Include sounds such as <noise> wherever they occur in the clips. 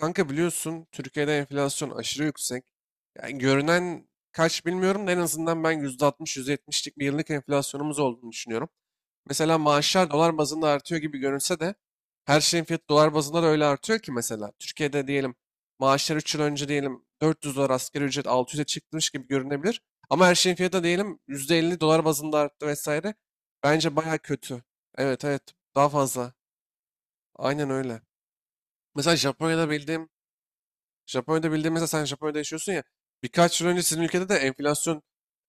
Kanka biliyorsun Türkiye'de enflasyon aşırı yüksek. Yani görünen kaç bilmiyorum da en azından ben %60-%70'lik bir yıllık enflasyonumuz olduğunu düşünüyorum. Mesela maaşlar dolar bazında artıyor gibi görünse de her şeyin fiyatı dolar bazında da öyle artıyor ki. Mesela Türkiye'de diyelim maaşlar 3 yıl önce diyelim 400 dolar, asgari ücret 600'e çıkmış gibi görünebilir. Ama her şeyin fiyatı da diyelim %50 dolar bazında arttı vesaire. Bence baya kötü. Evet, evet, daha fazla. Aynen öyle. Mesela Japonya'da bildiğin, mesela sen Japonya'da yaşıyorsun ya. Birkaç yıl önce sizin ülkede de enflasyon,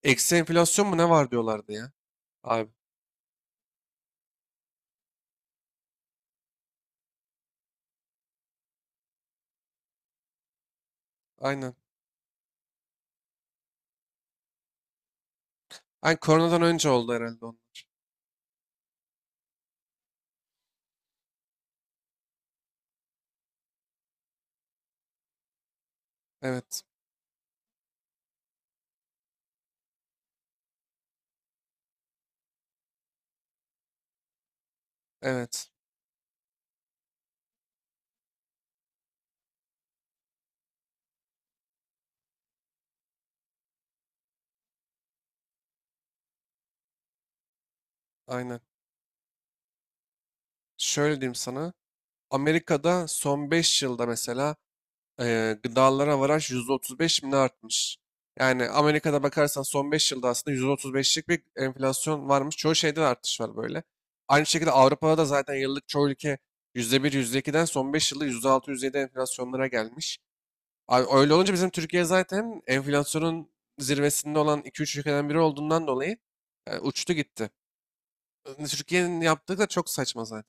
eksi enflasyon mu ne var diyorlardı ya. Abi, aynen. Aynen, koronadan önce oldu herhalde onun. Evet. Evet. Aynen. Şöyle diyeyim sana. Amerika'da son 5 yılda mesela, gıdalara varaj %35 mi ne artmış? Yani Amerika'da bakarsan son 5 yılda aslında %35'lik bir enflasyon varmış. Çoğu şeyde de artış var böyle. Aynı şekilde Avrupa'da da zaten yıllık çoğu ülke %1, yüzde iki'den son 5 yılda %6 yüzde yedi enflasyonlara gelmiş. Abi öyle olunca bizim Türkiye zaten enflasyonun zirvesinde olan iki üç ülkeden biri olduğundan dolayı uçtu gitti. Hani, Türkiye'nin yaptığı da çok saçma zaten.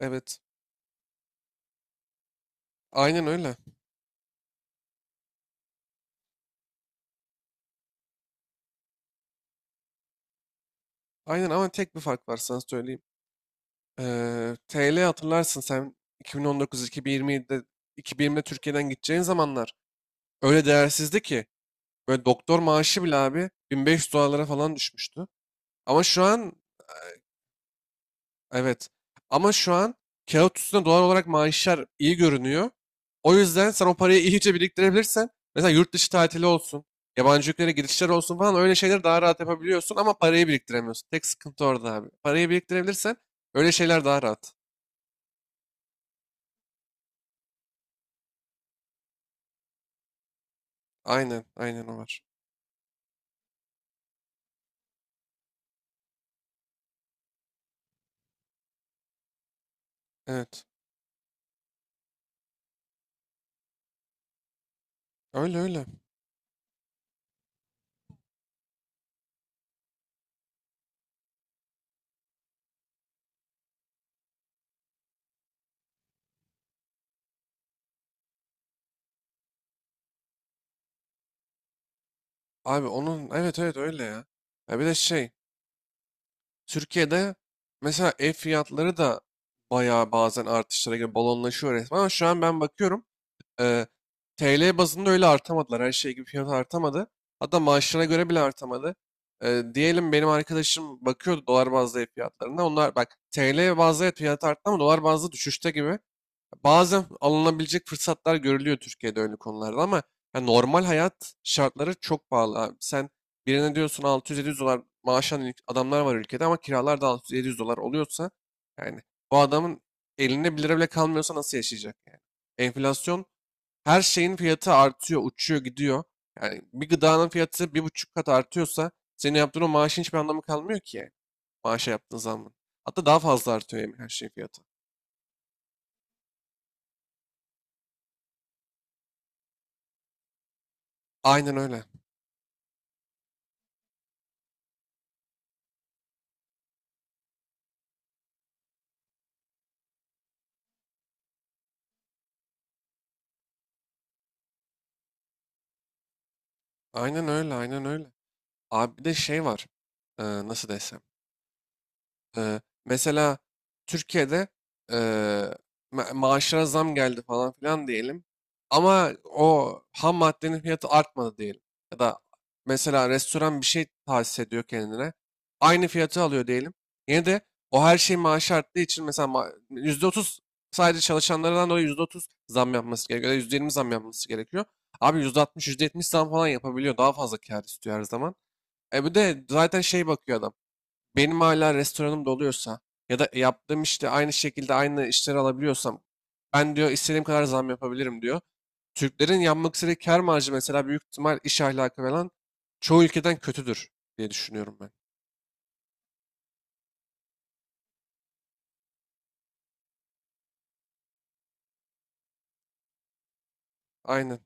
Evet. Aynen öyle. Aynen, ama tek bir fark var sana söyleyeyim. TL hatırlarsın sen, 2019-2020'de 2020'de Türkiye'den gideceğin zamanlar öyle değersizdi ki böyle doktor maaşı bile abi 1500 dolarlara falan düşmüştü. Ama şu an. Evet. Ama şu an kağıt üstünde dolar olarak maaşlar iyi görünüyor. O yüzden sen o parayı <laughs> iyice biriktirebilirsen mesela yurt dışı tatili olsun, yabancı ülkelere girişler olsun falan, öyle şeyleri daha rahat yapabiliyorsun ama parayı biriktiremiyorsun. Tek sıkıntı orada abi. Parayı biriktirebilirsen öyle şeyler daha rahat. Aynen, aynen, o var. Evet. Öyle öyle. Abi onun, evet, evet, öyle ya. Ya bir de şey, Türkiye'de mesela ev fiyatları da bayağı bazen artışlara göre balonlaşıyor resmen, ama şu an ben bakıyorum, Ee, TL bazında öyle artamadılar. Her şey gibi fiyat artamadı. Hatta maaşlarına göre bile artamadı. Diyelim benim arkadaşım bakıyordu dolar bazlı ev fiyatlarına. Onlar bak, TL bazlı ev fiyatı arttı ama dolar bazlı düşüşte gibi. Bazen alınabilecek fırsatlar görülüyor Türkiye'de öyle konularda ama ya normal hayat şartları çok pahalı abi. Sen birine diyorsun 600-700 dolar maaş alan adamlar var ülkede ama kiralar da 600-700 dolar oluyorsa yani bu adamın elinde 1 lira bile kalmıyorsa nasıl yaşayacak yani? Enflasyon, her şeyin fiyatı artıyor, uçuyor, gidiyor. Yani bir gıdanın fiyatı 1,5 kat artıyorsa senin yaptığın o maaşın hiçbir anlamı kalmıyor ki, yani. Maaşa yaptığın zammın. Hatta daha fazla artıyor hem her şeyin fiyatı. Aynen öyle. Aynen öyle, aynen öyle. Abi bir de şey var. Nasıl desem. Mesela Türkiye'de ee, maaşlara zam geldi falan filan diyelim. Ama o ham maddenin fiyatı artmadı diyelim. Ya da mesela restoran bir şey tahsis ediyor kendine. Aynı fiyatı alıyor diyelim. Yine de o her şey maaşı arttığı için mesela %30, sadece çalışanlardan dolayı %30 zam yapması gerekiyor. Ya da %20 zam yapması gerekiyor. Abi %60, yüzde yetmiş zam falan yapabiliyor. Daha fazla kar istiyor her zaman. E bir de zaten şey bakıyor adam, benim hala restoranım doluyorsa ya da yaptığım işte aynı şekilde aynı işleri alabiliyorsam ben diyor istediğim kadar zam yapabilirim diyor. Türklerin yapmak istediği kar marjı mesela, büyük ihtimal iş ahlakı falan çoğu ülkeden kötüdür diye düşünüyorum ben. Aynen.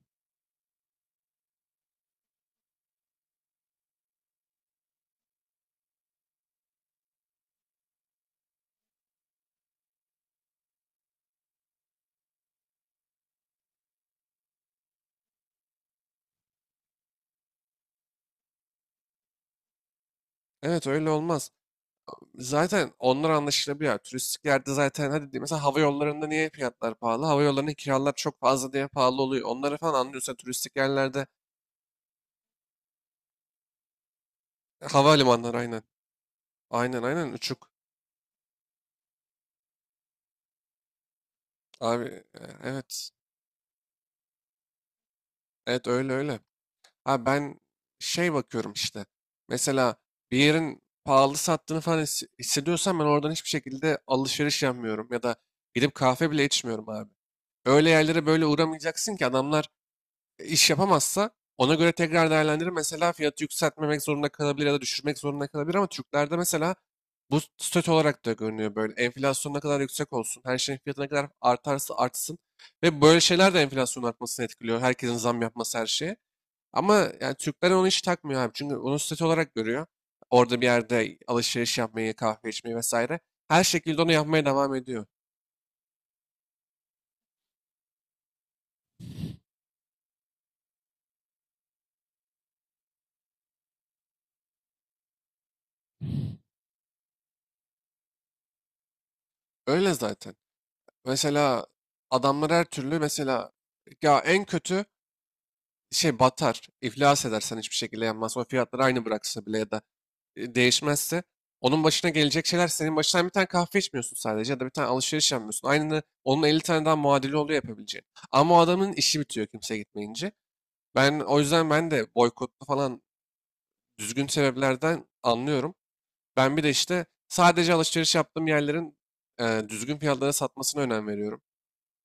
Evet öyle olmaz. Zaten onlar anlaşılabiliyor. Turistik yerde zaten hadi diyeyim, mesela hava yollarında niye fiyatlar pahalı? Hava yollarının kiralar çok fazla diye pahalı oluyor. Onları falan anlıyorsan turistik yerlerde, havalimanları aynen. Aynen, aynen, uçuk. Abi, evet. Evet öyle öyle. Ha, ben şey bakıyorum işte. Mesela bir yerin pahalı sattığını falan hissediyorsam ben oradan hiçbir şekilde alışveriş yapmıyorum ya da gidip kahve bile içmiyorum abi. Öyle yerlere böyle uğramayacaksın ki adamlar iş yapamazsa ona göre tekrar değerlendirir. Mesela fiyatı yükseltmemek zorunda kalabilir ya da düşürmek zorunda kalabilir ama Türklerde mesela bu stöt olarak da görünüyor böyle. Enflasyon ne kadar yüksek olsun, her şeyin fiyatı ne kadar artarsa artsın, ve böyle şeyler de enflasyonun artmasını etkiliyor. Herkesin zam yapması her şeye. Ama yani Türkler onu hiç takmıyor abi. Çünkü onu statü olarak görüyor. Orada bir yerde alışveriş yapmayı, kahve içmeyi vesaire. Her şekilde onu yapmaya devam ediyor. Öyle zaten. Mesela adamlar her türlü, mesela ya en kötü şey batar, iflas edersen hiçbir şekilde yanmaz. O fiyatları aynı bıraksa bile ya da değişmezse onun başına gelecek şeyler senin başına. Sen bir tane kahve içmiyorsun sadece ya da bir tane alışveriş yapmıyorsun. Aynı onun 50 tane daha muadili oluyor yapabileceğin. Ama o adamın işi bitiyor kimse gitmeyince. Ben o yüzden ben de boykotlu falan düzgün sebeplerden anlıyorum. Ben bir de işte sadece alışveriş yaptığım yerlerin düzgün fiyatlara satmasına önem veriyorum.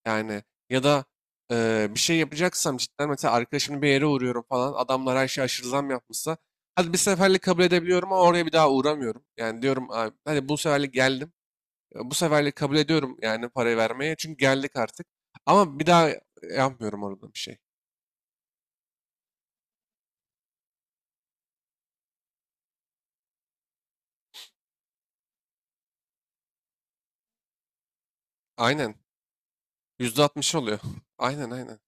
Yani, ya da bir şey yapacaksam cidden, mesela arkadaşımın bir yere uğruyorum falan, adamlar her şey aşırı zam yapmışsa hadi bir seferlik kabul edebiliyorum ama oraya bir daha uğramıyorum. Yani diyorum abi, hadi bu seferlik geldim. Bu seferlik kabul ediyorum yani parayı vermeye, çünkü geldik artık. Ama bir daha yapmıyorum orada bir şey. Aynen. %60 oluyor. <laughs> Aynen, aynen.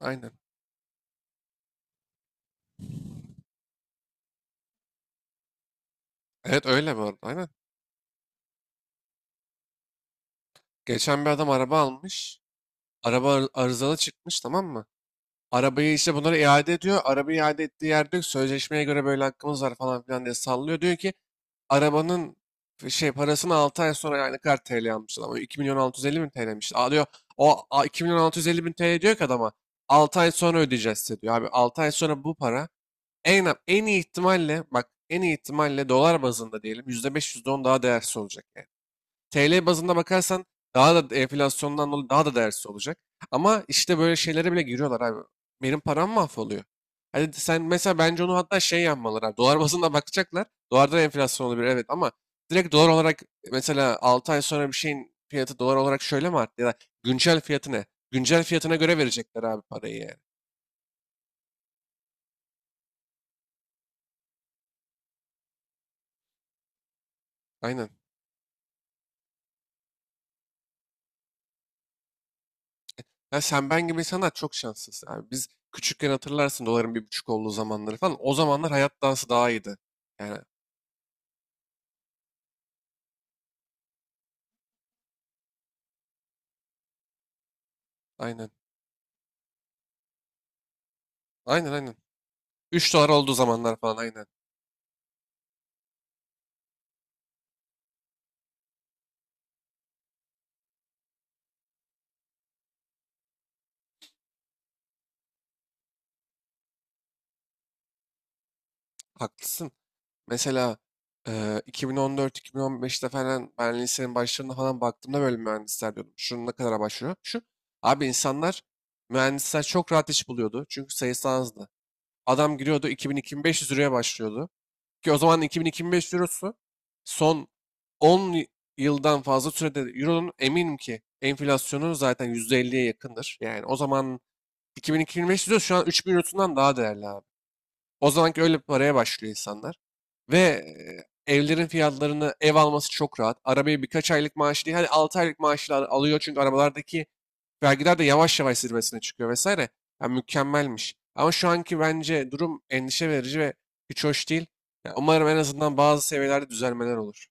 Aynen. Evet, öyle bu arada. Aynen. Geçen bir adam araba almış. Araba arızalı çıkmış, tamam mı? Arabayı işte bunlara iade ediyor. Arabayı iade ettiği yerde diyor ki, sözleşmeye göre böyle hakkımız var falan filan diye sallıyor. Diyor ki arabanın parasını 6 ay sonra, yani ne kadar TL almış adam. 2 milyon 650 bin TL'miş. Aa diyor, 2 milyon 650 bin TL diyor ki adama 6 ay sonra ödeyeceğiz size diyor. Abi 6 ay sonra bu para en iyi ihtimalle, bak en iyi ihtimalle dolar bazında diyelim %5 %10 daha değersiz olacak, yani. TL bazında bakarsan daha da enflasyondan dolayı daha da değersiz olacak. Ama işte böyle şeylere bile giriyorlar abi. Benim param mahvoluyor. Hadi sen mesela, bence onu hatta şey yapmalılar abi. Dolar bazında bakacaklar. Dolarda enflasyon olabilir evet ama direkt dolar olarak mesela 6 ay sonra bir şeyin fiyatı dolar olarak şöyle mi arttı, ya da güncel fiyatı ne? Güncel fiyatına göre verecekler abi parayı, yani. Aynen. Ya sen ben gibi insanlar çok şanssız abi. Biz küçükken hatırlarsın doların 1,5 olduğu zamanları falan. O zamanlar hayat dansı daha iyiydi. Yani aynen. Aynen aynen. 3 dolar olduğu zamanlar falan, aynen. Haklısın. Mesela 2014-2015'te falan ben lisenin başlarında falan baktığımda böyle mühendisler diyordum. Şunun ne kadara başlıyor? Şu. Abi insanlar, mühendisler çok rahat iş buluyordu. Çünkü sayısı azdı. Adam giriyordu 2000-2500 liraya başlıyordu. Ki o zaman 2000-2500 eurosu son 10 yıldan fazla sürede, euronun eminim ki enflasyonu zaten %50'ye yakındır. Yani o zaman 2225 diyor şu an 3.000 eurosundan daha değerli abi. O zamanki öyle bir paraya başlıyor insanlar. Ve evlerin fiyatlarını, ev alması çok rahat. Arabayı birkaç aylık maaş değil, hani 6 aylık maaşla alıyor çünkü arabalardaki vergiler de yavaş yavaş zirvesine çıkıyor vesaire. Yani mükemmelmiş. Ama şu anki bence durum endişe verici ve hiç hoş değil. Ya umarım en azından bazı seviyelerde düzelmeler olur.